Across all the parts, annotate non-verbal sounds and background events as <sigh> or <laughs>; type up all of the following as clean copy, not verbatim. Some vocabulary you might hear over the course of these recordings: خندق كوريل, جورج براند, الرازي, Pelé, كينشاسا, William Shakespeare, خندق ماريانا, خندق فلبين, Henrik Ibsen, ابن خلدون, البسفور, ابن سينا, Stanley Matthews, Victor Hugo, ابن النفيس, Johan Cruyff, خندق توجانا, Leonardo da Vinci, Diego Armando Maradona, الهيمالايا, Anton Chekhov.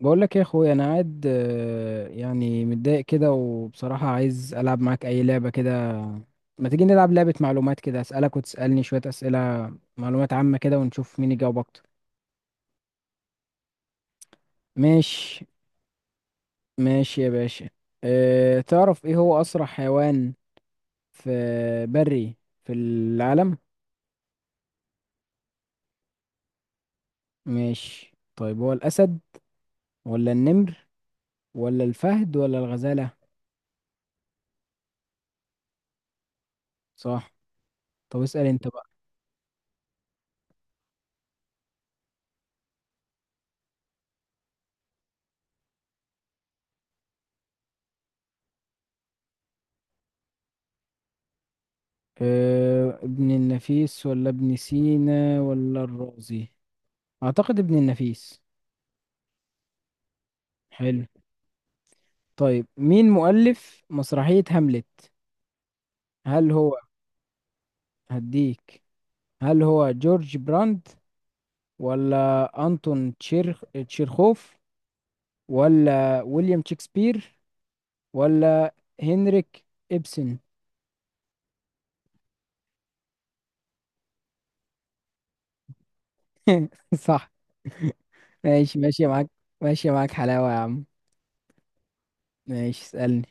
بقول لك يا اخويا انا قاعد يعني متضايق كده، وبصراحة عايز العب معاك اي لعبة كده. ما تيجي نلعب لعبة معلومات كده، اسالك وتسالني شوية اسئلة معلومات عامة كده، ونشوف مين يجاوب اكتر. ماشي. ماشي يا باشا. أه، تعرف ايه هو اسرع حيوان في بري في العالم؟ ماشي، طيب هو الاسد ولا النمر ولا الفهد ولا الغزالة؟ صح. طب اسال انت بقى. ابن النفيس ولا ابن سينا ولا الرازي؟ أعتقد ابن النفيس. حلو. طيب مين مؤلف مسرحية هاملت؟ هل هو هديك، هل هو جورج براند، ولا أنتون تشيرخوف، ولا ويليام شكسبير، ولا هنريك إبسن؟ <laughs> صح. ماشي، ماشي معاك. ماشي معاك حلاوة يا عم. ماشي اسألني.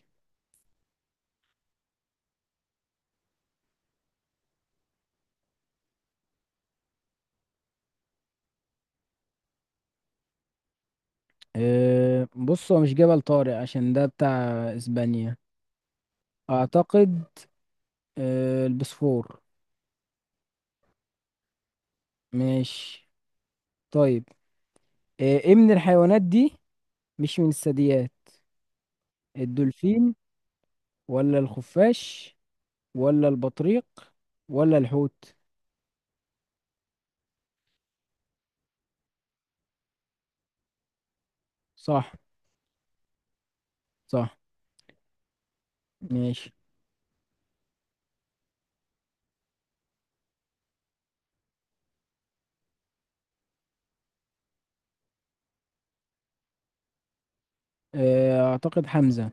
أه، بص هو مش جبل طارق عشان ده بتاع اسبانيا، اعتقد. أه، البسفور. ماشي. طيب، أه، ايه من الحيوانات دي مش من الثدييات: الدولفين ولا الخفاش ولا البطريق ولا الحوت؟ صح. صح. ماشي. أه، اعتقد حمزة.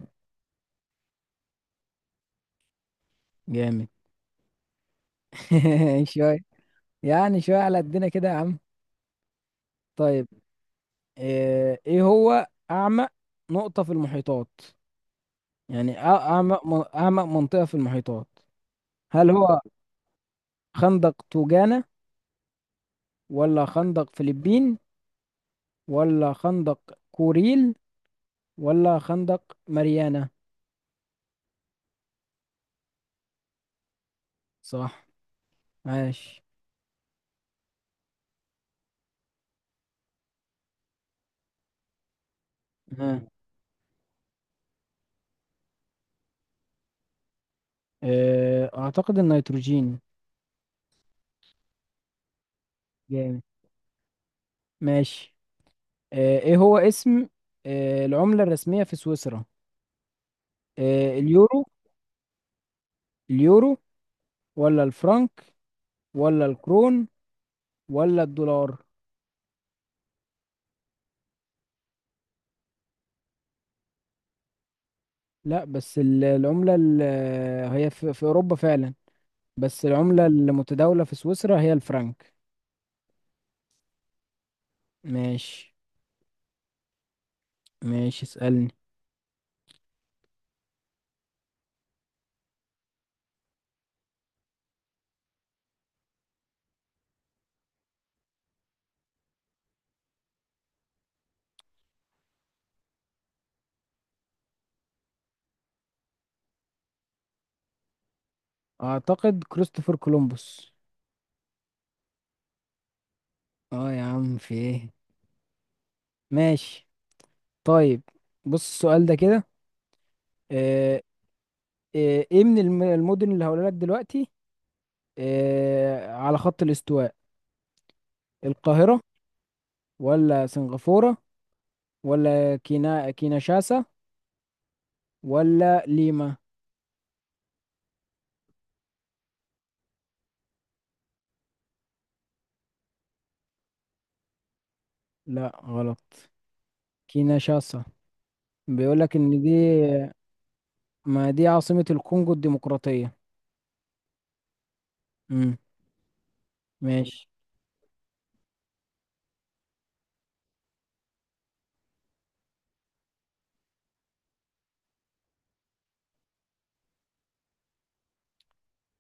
جامد. <laughs> شوية. يعني شوية على قدنا كده يا عم. طيب، أه، ايه هو اعمق نقطة في المحيطات؟ يعني أعمق أعمق منطقة في المحيطات. هل هو خندق توجانا، ولا خندق فلبين، ولا خندق كوريل، ولا خندق ماريانا؟ صح. ماشي. ها. أعتقد النيتروجين. جامد. ماشي. إيه هو اسم العملة الرسمية في سويسرا؟ اليورو، اليورو ولا الفرنك ولا الكرون ولا الدولار؟ لا بس العملة هي في أوروبا فعلا، بس العملة المتداولة في سويسرا هي الفرنك. ماشي. ماشي اسألني. اعتقد كريستوفر كولومبوس. اه يا عم في ايه. ماشي. طيب بص السؤال ده كده، آه، ايه من المدن اللي هقولها لك دلوقتي على خط الاستواء: القاهرة، ولا سنغافورة، ولا كينشاسا، ولا ليما؟ لا غلط، كينشاسا. بيقول لك ان دي، ما دي عاصمة الكونغو الديمقراطية. ماشي.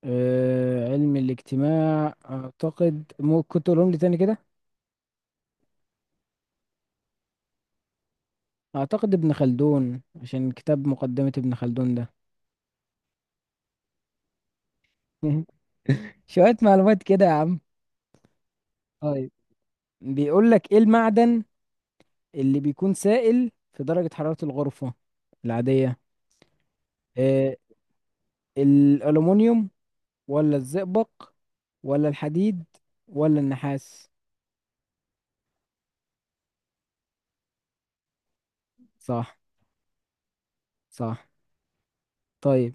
أه، علم الاجتماع، اعتقد ممكن تقولهم لي تاني كده. اعتقد ابن خلدون عشان كتاب مقدمة ابن خلدون ده. <laughs> شوية معلومات كده يا عم. طيب بيقول لك ايه المعدن اللي بيكون سائل في درجة حرارة الغرفة العادية؟ أه، الألومنيوم ولا الزئبق ولا الحديد ولا النحاس؟ صح. صح. طيب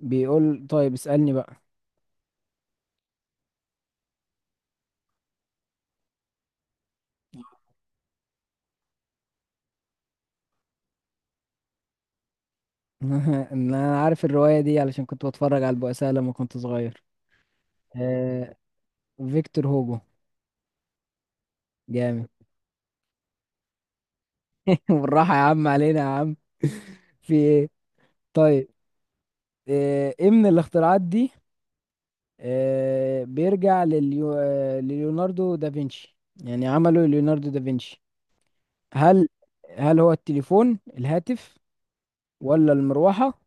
بيقول طيب اسألني بقى. <laughs> انا عارف الرواية دي علشان كنت بتفرج على البؤساء لما كنت صغير. آه... فيكتور هوجو. جامد. <laughs> بالراحة يا عم علينا يا عم. في ايه. طيب، ايه من الاختراعات دي بيرجع لليوناردو دافنشي، يعني عمله ليوناردو دافنشي؟ هل هل هو التليفون، الهاتف، ولا المروحة،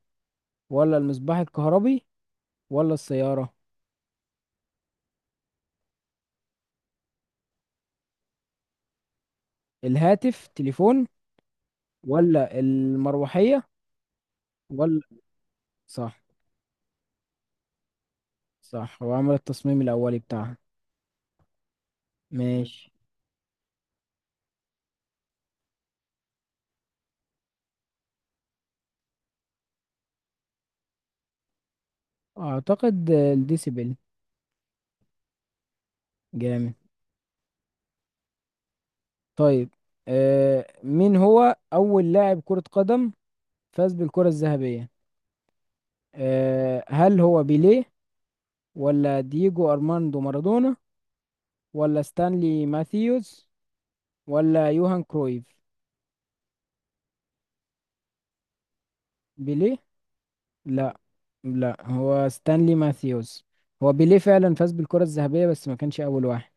ولا المصباح الكهربي، ولا السيارة؟ الهاتف تليفون، ولا المروحية، ولا. صح. صح، هو عمل التصميم الأولي بتاعها. ماشي. أعتقد الديسيبل. جامد. طيب، آه، مين هو أول لاعب كرة قدم فاز بالكرة الذهبية؟ آه، هل هو بيليه، ولا دييجو أرماندو مارادونا، ولا ستانلي ماثيوز، ولا يوهان كرويف؟ بيليه. لا، لا، هو ستانلي ماثيوز. هو بيليه فعلا فاز بالكرة الذهبية، بس ما كانش أول واحد.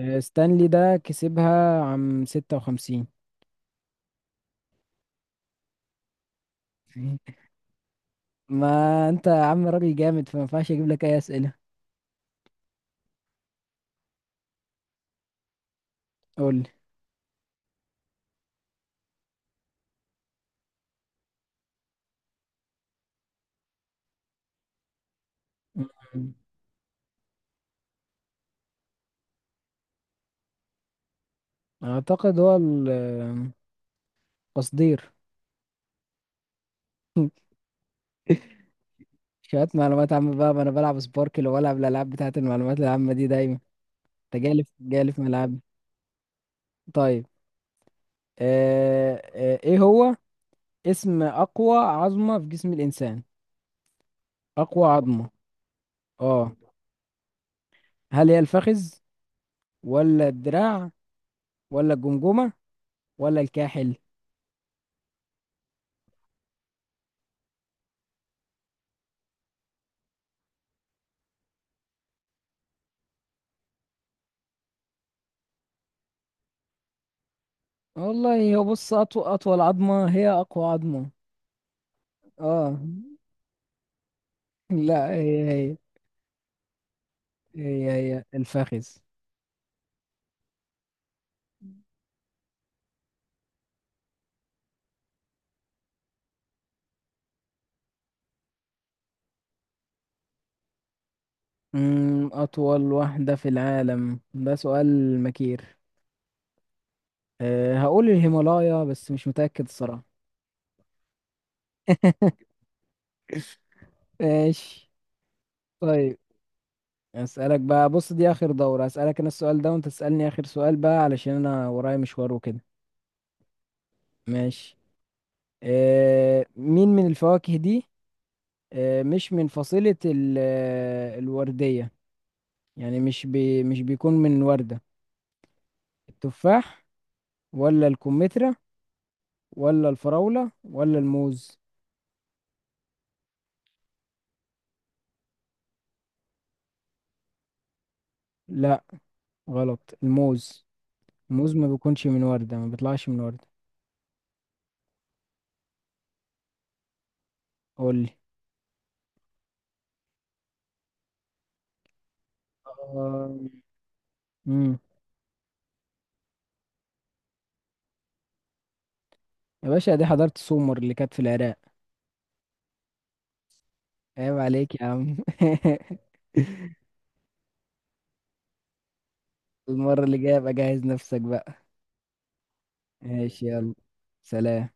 آه، ستانلي ده كسبها عام 56. ما انت يا عم راجل جامد، فما ينفعش اجيب لك اي اسئله. قول لي. مم. اعتقد هو التصدير. <laughs> شوية معلومات عامة بقى، ما انا بلعب سباركل وبلعب الالعاب بتاعت المعلومات العامة دي دايما. انت جالف جالف ملعبي. طيب، ايه هو اسم اقوى عظمة في جسم الانسان؟ اقوى عظمة، اه. هل هي الفخذ، ولا الدراع، ولا الجمجمة، ولا الكاحل؟ والله هو بص اطول عظمة هي اقوى عظمة. اه. لا هي، هي الفخذ. أمم، أطول وحدة في العالم، ده سؤال مكير. أه، هقول الهيمالايا بس مش متأكد الصراحة. <laughs> ماشي. طيب أسألك بقى، بص دي آخر دورة، أسألك أنا السؤال ده وأنت تسألني آخر سؤال بقى علشان أنا ورايا مشوار وكده. ماشي. أه، مين من الفواكه دي أه مش من فصيلة الوردية، يعني مش مش بيكون من وردة: التفاح، ولا الكمثرى، ولا الفراولة، ولا الموز؟ لا غلط، الموز. الموز ما بيكونش من وردة، ما بيطلعش من وردة. قول لي. آه، امم. يا باشا دي حضرت سومر اللي كانت في العراق. عيب عليك يا عم. <laughs> المرة اللي جاية ابقى جهز نفسك بقى. ماشي يلا. سلام.